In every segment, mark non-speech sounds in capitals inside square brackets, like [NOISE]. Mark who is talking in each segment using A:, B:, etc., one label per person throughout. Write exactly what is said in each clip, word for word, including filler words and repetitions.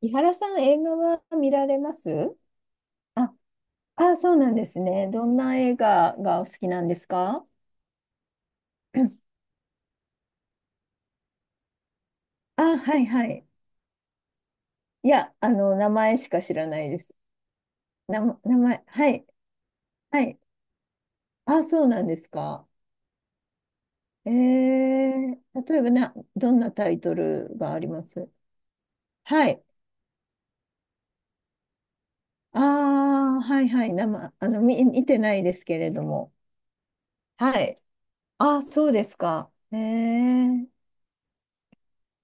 A: 伊原さん、映画は見られます？あ、あ、そうなんですね。どんな映画がお好きなんですか？ [CLEARS THROAT] あ、はいはい。いや、あの、名前しか知らないです。な、名前、はい、はい。あ、そうなんですか。えー、例えばな、どんなタイトルがあります？はい。ああはいはい。生、あの、見、見てないですけれども。はい。ああ、そうですか。えー、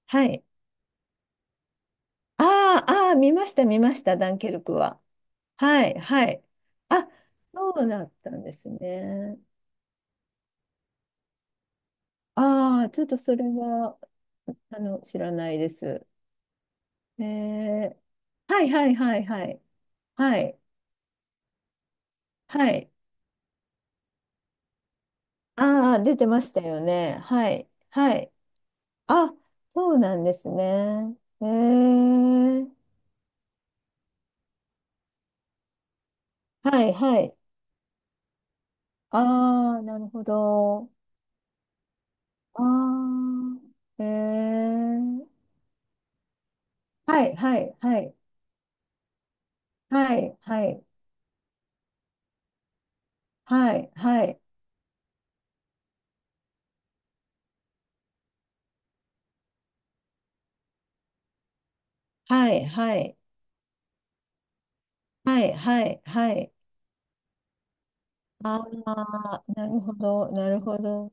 A: はい。ああああ見ました、見ました、ダンケルクは。はい、はい。あ、そうだったんですね。ああ、ちょっとそれは、あの、知らないです。えー、はいはいはいはい。はい、はい。ああ、出てましたよね。はい、はい。あ、そうなんですね。えー、はいはい。ああ、なるほど。ああ、えー、はいはいはい。はいはい。はいはい。はい、はい、はい、はい、はい。ああ、なるほど、なるほど。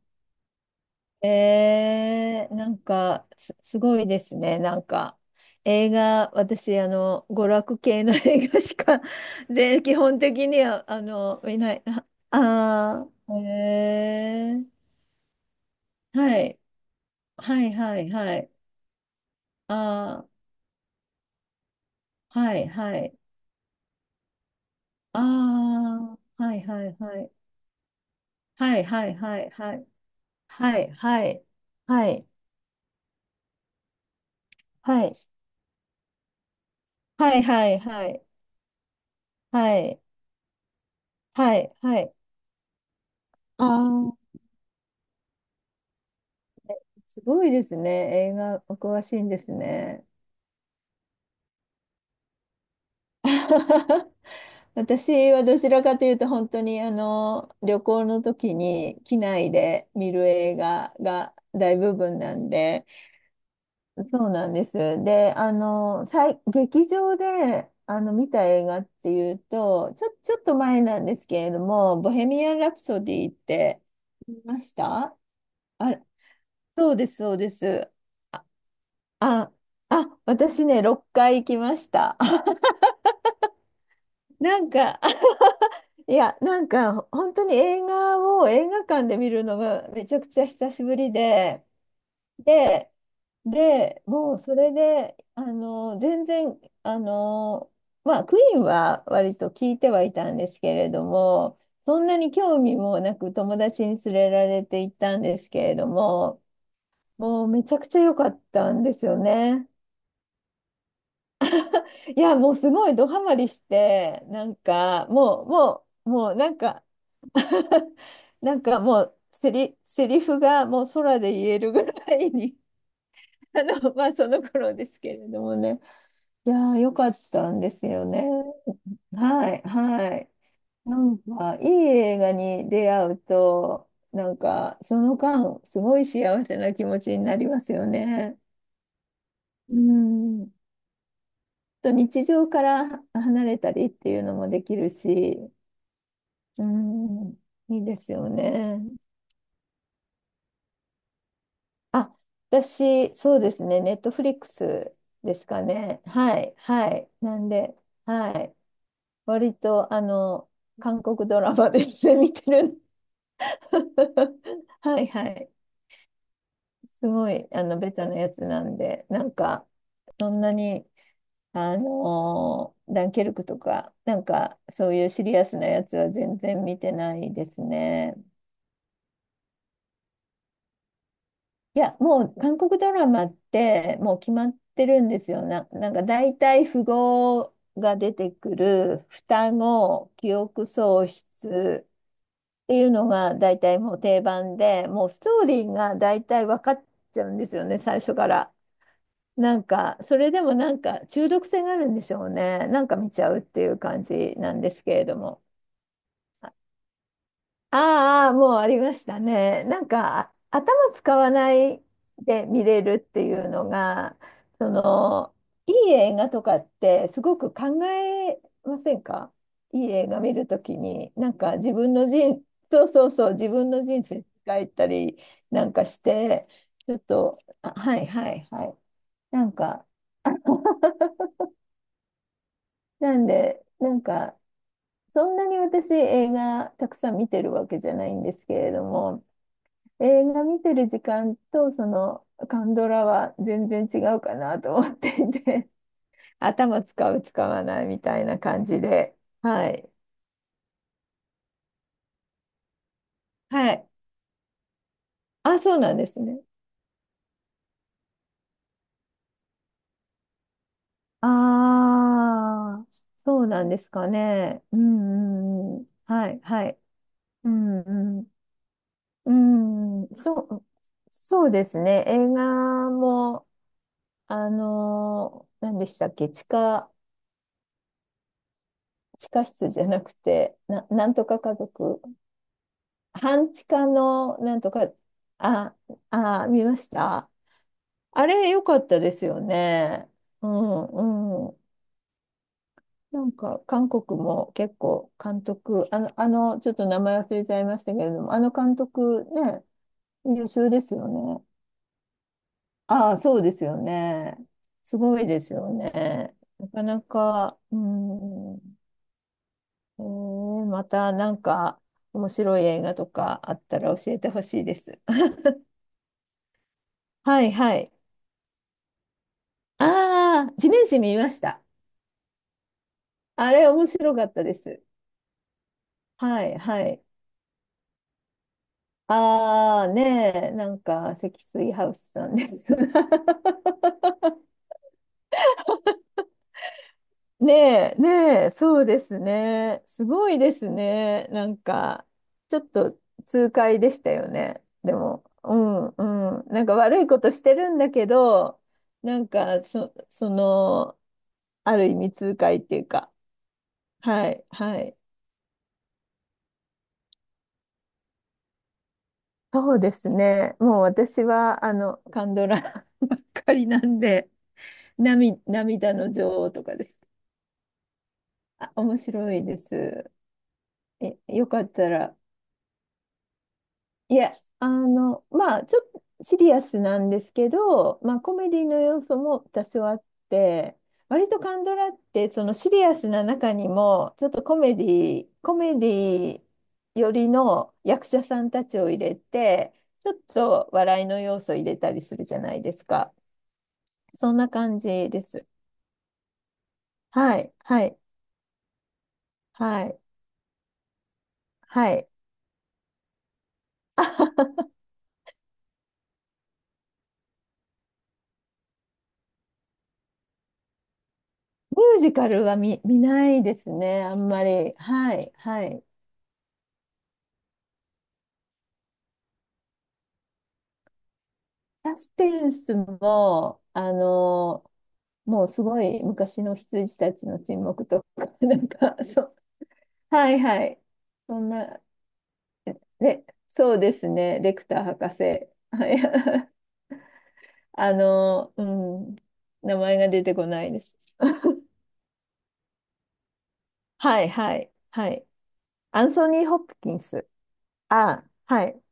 A: えー、なんかす、すごいですね。なんか、映画、私、あの、娯楽系の [LAUGHS] 映画しか、[LAUGHS] で、基本的には、あの、見ない。ああー、えー、はい、はい、はい、はい。ああ、はい、はい。ああ、はい、はい、はい。はい、はい、はい、はい。はい、はい。はいはい。はいはいはい。はい。はい。はい。ああ、すごいですね。映画お詳しいんですね。[LAUGHS] 私はどちらかというと本当にあの旅行の時に機内で見る映画が大部分なんで、そうなんです。で、あの、最劇場であの見た映画っていうと、ちょ、ちょっと前なんですけれども、ボヘミアン・ラプソディって見ました。あ、そうです、そうです。あ、あ、私ね、ろっかい行きました。[LAUGHS] なんか、[LAUGHS] いや、なんか、本当に映画を映画館で見るのがめちゃくちゃ久しぶりで、で、で、もうそれで、あの、全然、あの、まあ、クイーンは割と聞いてはいたんですけれども、そんなに興味もなく友達に連れられて行ったんですけれども、もうめちゃくちゃ良かったんですよね。いや、もうすごいドハマりして、なんか、もう、もう、もう、なんか [LAUGHS] なんかもう、セリ、セリフがもう空で言えるぐらいに [LAUGHS] あの、まあ、その頃ですけれどもね。いやー、よかったんですよね。はい、はい。なんか、いい映画に出会うと、なんか、その間、すごい幸せな気持ちになりますよね。うん。と日常から離れたりっていうのもできるし、うん、いいですよね。あ、私、そうですね、ネットフリックスですかね。はい、はい。なんで、はい。割と、あの、韓国ドラマですね、[LAUGHS] 見てる。[LAUGHS] はい、はい。すごい、あの、ベタなやつなんで、なんか、そんなに、あのーダンケルクとか、なんか、そういうシリアスなやつは全然見てないですね。いや、もう韓国ドラマってもう決まってるんですよ。な、なんか大体符号が出てくる双子、記憶喪失っていうのが大体もう定番で、もうストーリーが大体分かっちゃうんですよね、最初から。なんか、それでもなんか中毒性があるんでしょうね。なんか見ちゃうっていう感じなんですけれども。ああ、もうありましたね。なんか、あ頭使わないで見れるっていうのが、その、いい映画とかってすごく考えませんか？いい映画見るときに、なんか自分の人、そうそうそう、自分の人生変いたりなんかして、ちょっと、あ、はいはいはい。なんか、なんで、なんか、そんなに私映画たくさん見てるわけじゃないんですけれども、映画見てる時間とそのカンドラは全然違うかなと思っていて [LAUGHS] 頭使う使わないみたいな感じで、はいはい、あそうなんですね、ああそうなんですかね、うんうんうん、はいはい、うんうんうん、そう、そうですね、映画も、あのー何でしたっけ？地下、地下室じゃなくてな、なんとか家族、半地下のなんとか、あ、あ、見ました。あれ良かったですよね。うん、うん。なんか韓国も結構監督、あの、あの、ちょっと名前忘れちゃいましたけれども、あの監督ね、優秀ですよね。ああ、そうですよね。すごいですよね。なかなか、うん。えー、またなんか面白い映画とかあったら教えてほしいです。[LAUGHS] はいはい。ああ、地面師見ました。あれ面白かったです。はい、はい。ああ、ねえ、なんか、積水ハウスさんです。[LAUGHS] ねえ、ねえ、そうですね。すごいですね。なんか、ちょっと痛快でしたよね。でも、うん、うん。なんか悪いことしてるんだけど、なんか、そ、その、ある意味痛快っていうか、はい、はい。そうですね。もう私は、あの、カンドラ [LAUGHS] ばっかりなんで、涙、涙の女王とかです。あ、面白いです。え、よかったら。いや、あの、まあ、ちょっとシリアスなんですけど、まあ、コメディの要素も多少あって、割とカンドラって、そのシリアスな中にも、ちょっとコメディ、コメディ寄りの役者さんたちを入れて、ちょっと笑いの要素を入れたりするじゃないですか。そんな感じです。はい、はい、はい、はい。[LAUGHS] ミュージカルは見、見ないですね、あんまり。はい、はい。サスペンスも、あの、もうすごい昔の羊たちの沈黙とか、[LAUGHS] なんか、そう、はいはい。そんな、で、そうですね、レクター博士。はい、[LAUGHS] あのうん、名前が出てこないです。はいはい、はい。アンソニー・ホプキンス。あ、はい。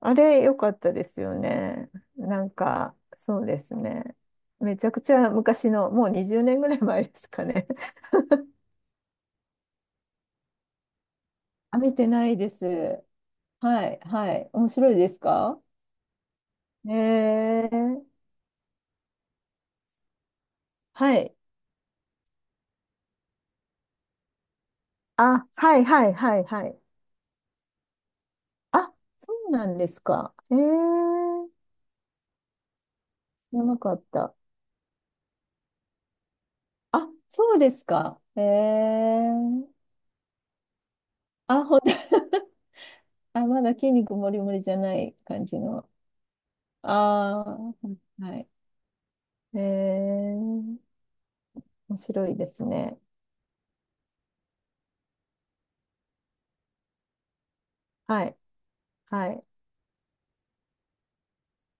A: あれ、良かったですよね。なんか、そうですね。めちゃくちゃ昔の、もうにじゅうねんぐらい前ですかね。[LAUGHS] あ、見てないです。はい、はい。面白いですか？ええ、はい。あ、はい、はい、はい、はい。あ、そうなんですか。ええ、知らなかった。あ、そうですか。ええ、あ、ほんと？ [LAUGHS] あ、まだ筋肉もりもりじゃない感じの。ああ、はい。えー、面白いですね。はい。はい。